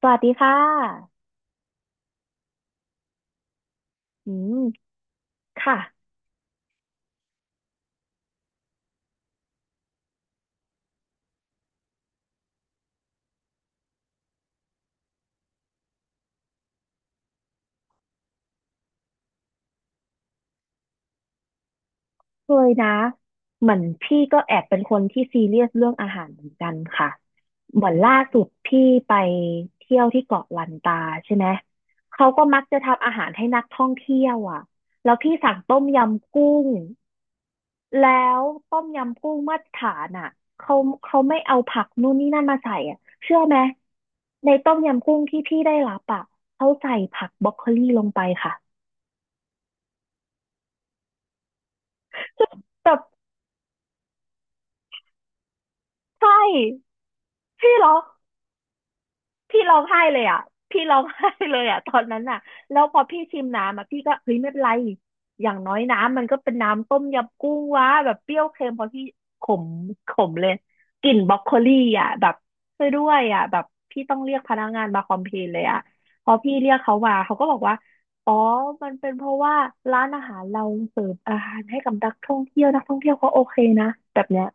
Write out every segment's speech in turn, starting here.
สวัสดีค่ะอืมค่ะเคยนะเหมือนพี่ก็แอบเป็นคนที่ซีเรียสเรื่องอาหารเหมือนกันค่ะเหมือนล่าสุดพี่ไปเที่ยวที่เกาะลันตาใช่ไหมเขาก็มักจะทำอาหารให้นักท่องเที่ยวอ่ะแล้วพี่สั่งต้มยำกุ้งแล้วต้มยำกุ้งมาตรฐานอ่ะเขาเขาไม่เอาผักนู่นนี่นั่นมาใส่อ่ะเชื่อไหมในต้มยำกุ้งที่พี่ได้รับอ่ะเขาใส่ผักบรอกโคลีลงไปค่ะแบบใช่ พี่ร้องพี่ร้องไห้เลยอ่ะพี่ร้องไห้เลยอ่ะตอนนั้นอ่ะแล้วพอพี่ชิมน้ำอ่ะพี่ก็เฮ้ยไม่เป็นไรอย่างน้อยน้ำมันก็เป็นน้ำต้มยำกุ้งวะแบบเปรี้ยวเค็มพอพี่ขมขมเลยกลิ่นบรอกโคลี่อ่ะแบบช่วยด้วยอ่ะแบบพี่ต้องเรียกพนักงานมาคอมเพลนเลยอ่ะพอพี่เรียกเขามาเขาก็บอกว่าอ๋อมันเป็นเพราะว่าร้านอาหารเราเสิร์ฟอาหารให้กับนักท่องเที่ยวนักท่องเที่ยวเขาโอเคนะแบบเนี้ย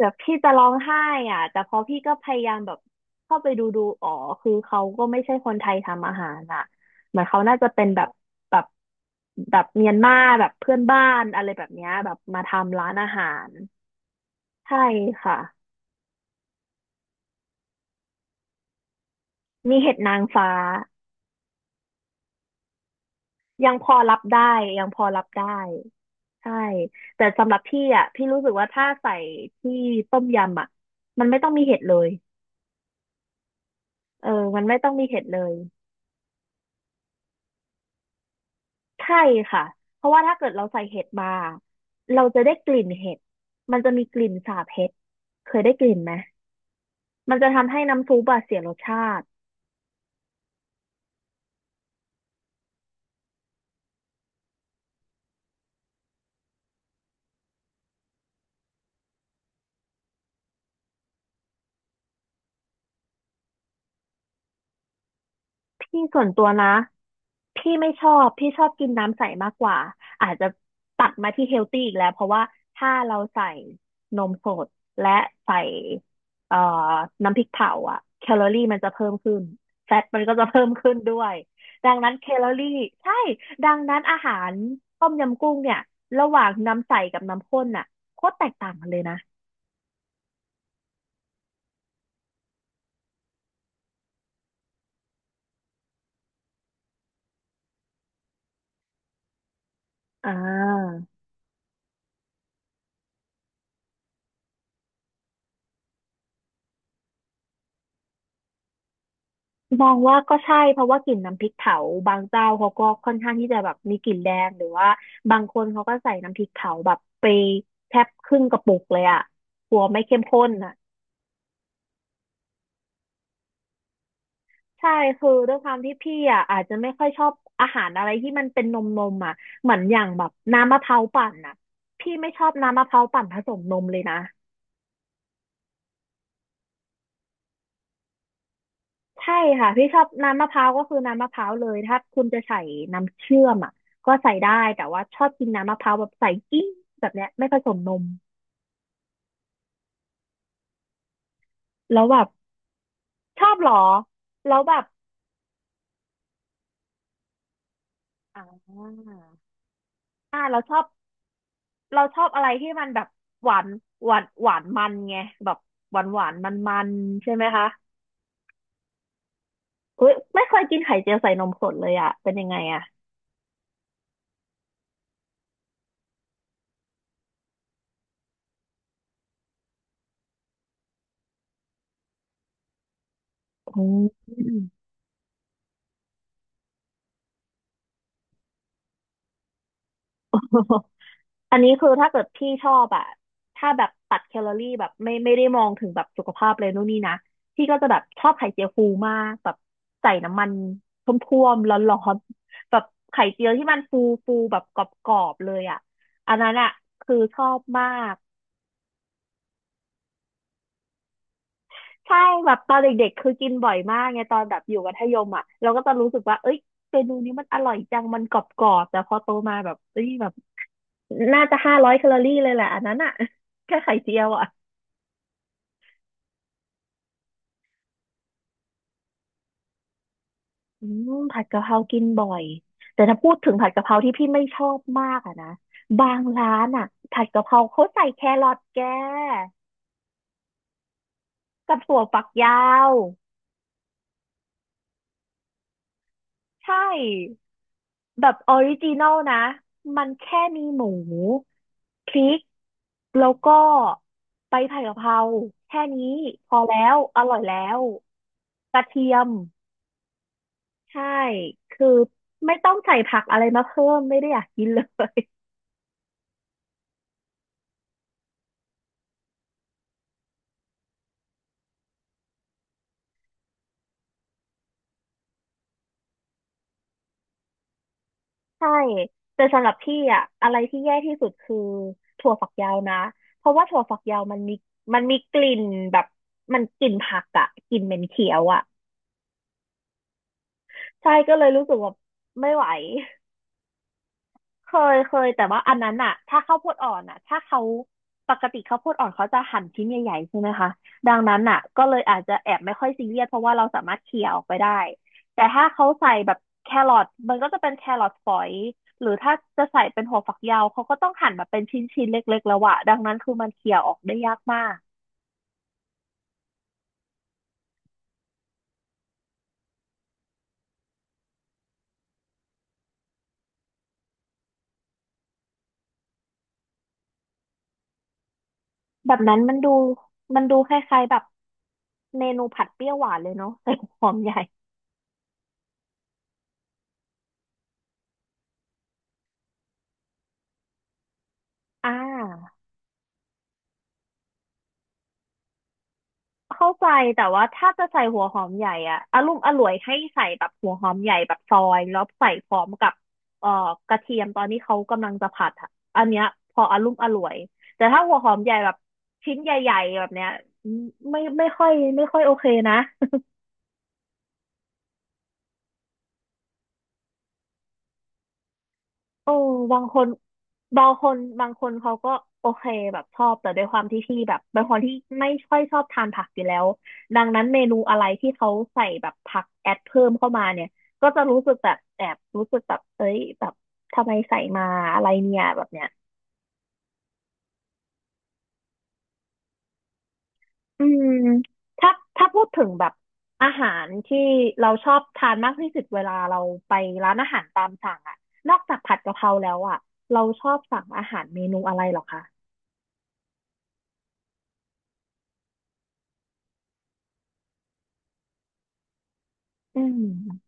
แบบพี่จะร้องไห้อ่ะแต่พอพี่ก็พยายามแบบเข้าไปดูดูอ๋อคือเขาก็ไม่ใช่คนไทยทำอาหารอ่ะเหมือนเขาน่าจะเป็นแบบแบบเมียนมาแบบเพื่อนบ้านอะไรแบบเนี้ยแบบมาทำร้านอาหารใช่ค่ะมีเห็ดนางฟ้ายังพอรับได้ยังพอรับได้ใช่แต่สำหรับพี่อ่ะพี่รู้สึกว่าถ้าใส่ที่ต้มยำอ่ะมันไม่ต้องมีเห็ดเลยเออมันไม่ต้องมีเห็ดเลย ใช่ค่ะ เพราะว่าถ้าเกิดเราใส่เห็ดมาเราจะได้กลิ่นเห็ด มันจะมีกลิ่นสาบเห็ด เคยได้กลิ่นไหมมันจะทำให้น้ำซุปอะเสียรสชาติ พี่ส่วนตัวนะพี่ไม่ชอบพี่ชอบกินน้ำใสมากกว่าอาจจะตัดมาที่เฮลตี้อีกแล้วเพราะว่าถ้าเราใส่นมสดและใส่เอ่อน้ำพริกเผาอะแคลอรี่มันจะเพิ่มขึ้นแฟตมันก็จะเพิ่มขึ้นด้วยดังนั้นแคลอรี่ใช่ดังนั้นอาหารต้มยำกุ้งเนี่ยระหว่างน้ำใสกับน้ำข้นน่ะโคตรแตกต่างกันเลยนะอ่า มองว่าก็ใช่เพราะว่ากลิ่นน้ำพริกเผาบางเจ้าเขาก็ค่อนข้างที่จะแบบมีกลิ่นแรงหรือว่าบางคนเขาก็ใส่น้ำพริกเผาแบบไปแทบครึ่งกระปุกเลยอ่ะกลัวไม่เข้มข้นอ่ะใช่คือด้วยความที่พี่อ่ะอาจจะไม่ค่อยชอบอาหารอะไรที่มันเป็นนมอ่ะเหมือนอย่างแบบน้ำมะพร้าวปั่นอ่ะพี่ไม่ชอบน้ำมะพร้าวปั่นผสมนมเลยนะ ใช่ค่ะพี่ชอบน้ำมะพร้าวก็คือน้ำมะพร้าวเลยถ้าคุณจะใส่น้ำเชื่อมอ่ะก็ใส่ได้แต่ว่าชอบกินน้ำมะพร้าวแบบใส่กิ้งแบบเนี้ยไม่ผสมนมแล้วแบบชอบเหรอแล้วแบบอ่าเราชอบเราชอบอะไรที่มันแบบหวานหวานหวานมันไงแบบหวานหวานมันมันๆใช่ไหมคะเฮ้ยไม่เคยกินไข่เจียวใส่นมสดเลยอ่ะเป็นยังไงอ่ะอืม อันนี้คือถ้าเกิดพี่ชอบอะถ้าแบบตัดแคลอรี่แบบไม่ได้มองถึงแบบสุขภาพเลยนู่นนี่นะพี่ก็จะแบบชอบไข่เจียวฟูมากแบบใส่น้ำมันท่วมๆร้อนๆแบบไข่เจียวที่มันฟูฟูแบบกรอบๆเลยอะอันนั้นอะคือชอบมากใช่แบบตอนเด็กๆคือกินบ่อยมากไงตอนแบบอยู่มัธยมอ่ะเราก็จะรู้สึกว่าเอ้ยเมนูนี้มันอร่อยจังมันกรอบๆแต่พอโตมาแบบเอ้ยแบบน่าจะ500แคลอรี่เลยแหละอันนั้นอ่ะ แค่ไข่เจียวอ่ะ อืมผัดกะเพรากินบ่อยแต่ถ้าพูดถึงผัดกะเพราที่พี่ไม่ชอบมากอะนะบางร้านอะผัดกะเพราเขาใส่แครอทแกกับถั่วฝักยาวใช่แบบออริจินอลนะมันแค่มีหมูพริกแล้วก็ใบผัดกะเพราแค่นี้พอแล้วอร่อยแล้วกระเทียมใช่คือไม่ต้องใส่ผักอะไรมาเพิ่มไม่ได้อยากกินเลย ใช่แต่สำหรับพี่อะอะไรที่แย่ที่สุดคือถั่วฝักยาวนะเพราะว่าถั่วฝักยาวมันมีกลิ่นแบบมันกลิ่นผักอะกลิ่นเหม็นเขียวอะใช่ก็เลยรู้สึกว่าไม่ไหว เคยเคยแต่ว่าอันนั้นอะถ้าข้าวโพดอ่อนอะถ้าเขาปกติข้าวโพดอ่อนเขาจะหั่นชิ้นใหญ่ๆใช่ไหมคะดังนั้นอะก็เลยอาจจะแอบไม่ค่อยซีเรียสเพราะว่าเราสามารถเคี่ยออกไปได้แต่ถ้าเขาใส่แบบแครอทมันก็จะเป็นแครอทฝอยหรือถ้าจะใส่เป็นหัวฝักยาวเขาก็ต้องหั่นแบบเป็นชิ้นๆเล็กๆแล้วอะดังนั้นคือมันเคี่ยออกได้ยากมากแบบนั้นมันดูมันดูคล้ายๆแบบเมนูผัดเปรี้ยวหวานเลยเนาะใส่หอมใหญ่อ่า เข้าใจแต่ว่าถ้าจะใส่หัวหอมใหญ่อะอารมณ์อร่วยให้ใส่แบบหัวหอมใหญ่แบบซอยแล้วใส่พร้อมกับเอ่อกระเทียมตอนที่เขากำลังจะผัดอะอันเนี้ยพออารมณ์อร่วยแต่ถ้าหัวหอมใหญ่แบบชิ้นใหญ่ๆแบบเนี้ยไม่ค่อยไม่ค่อยโอเคนะ โอ้บางคนบางคนเขาก็โอเคแบบชอบแต่ด้วยความที่พี่แบบเป็นคนที่ไม่ค่อยชอบทานผักอยู่แล้วดังนั้นเมนูอะไรที่เขาใส่แบบผักแอดเพิ่มเข้ามาเนี่ยก็จะรู้สึกแบบแอบรู้สึกแบบเอ้ยแบบทำไมใส่มาอะไรเนี่ยแบบเนี้ยอืมถ้าถ้าพูดถึงแบบอาหารที่เราชอบทานมากที่สุดเวลาเราไปร้านอาหารตามสั่งอะนอกจากผัดกะเพราแล้วอะเราชอบสั่งอาหารเมนูอะไรเหรอคะอืม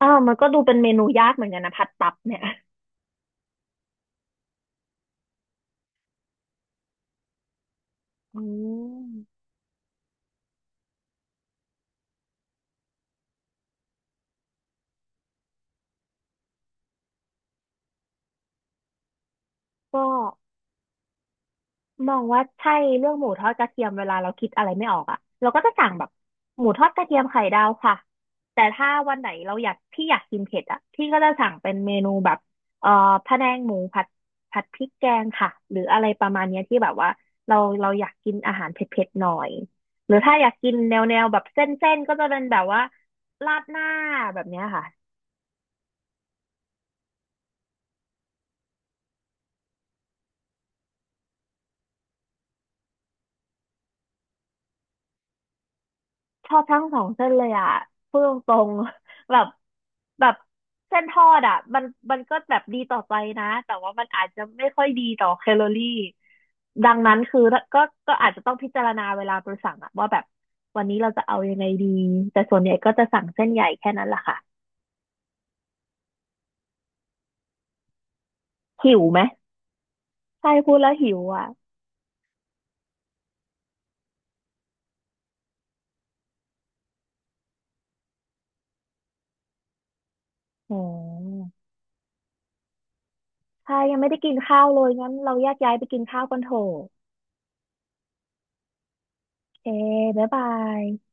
อ้าวมันก็ดูเป็นเมนูยากเหมือนกันนะผัดตับเนี่ยอืมก็มองว่าใช่เรื่องหมูทอดกระเทียมเวลาเราคิดอะไรไม่ออกอ่ะเราก็จะสั่งแบบหมูทอดกระเทียมไข่ดาวค่ะแต่ถ้าวันไหนเราอยากพี่อยากกินเผ็ดอ่ะพี่ก็จะสั่งเป็นเมนูแบบเอ่อพะแนงหมูผัดผัดพริกแกงค่ะหรืออะไรประมาณเนี้ยที่แบบว่าเราเราอยากกินอาหารเผ็ดๆหน่อยหรือถ้าอยากกินแนวแบบเส้นๆก็จะเป็นแบบว่าราดหน้าแบบเนี้ยค่ะ ชอบทั้งสองเส้นเลยอ่ะพูดตรงๆ แบบแบบเส้นทอดอ่ะมันก็แบบดีต่อใจนะ แต่ว่ามันอาจจะไม่ค่อยดีต่อแคลอรี่ ดังนั้นคือก็ก็อาจจะต้องพิจารณาเวลาไปสั่งอ่ะว่าแบบวันนี้เราจะเอายังไงดี แต่ส่วนใหญ่ก็จะสั่งเส้นใหญ่แค่นั้นแหละค่ะหิวไหมใช่พูดแล้วหิวอ่ะโอ้ใช่ยังไม่ได้กินข้าวเลยงั้นเราแยกย้ายไปกินข้าวกันเถอะโอเคบ๊ายบาย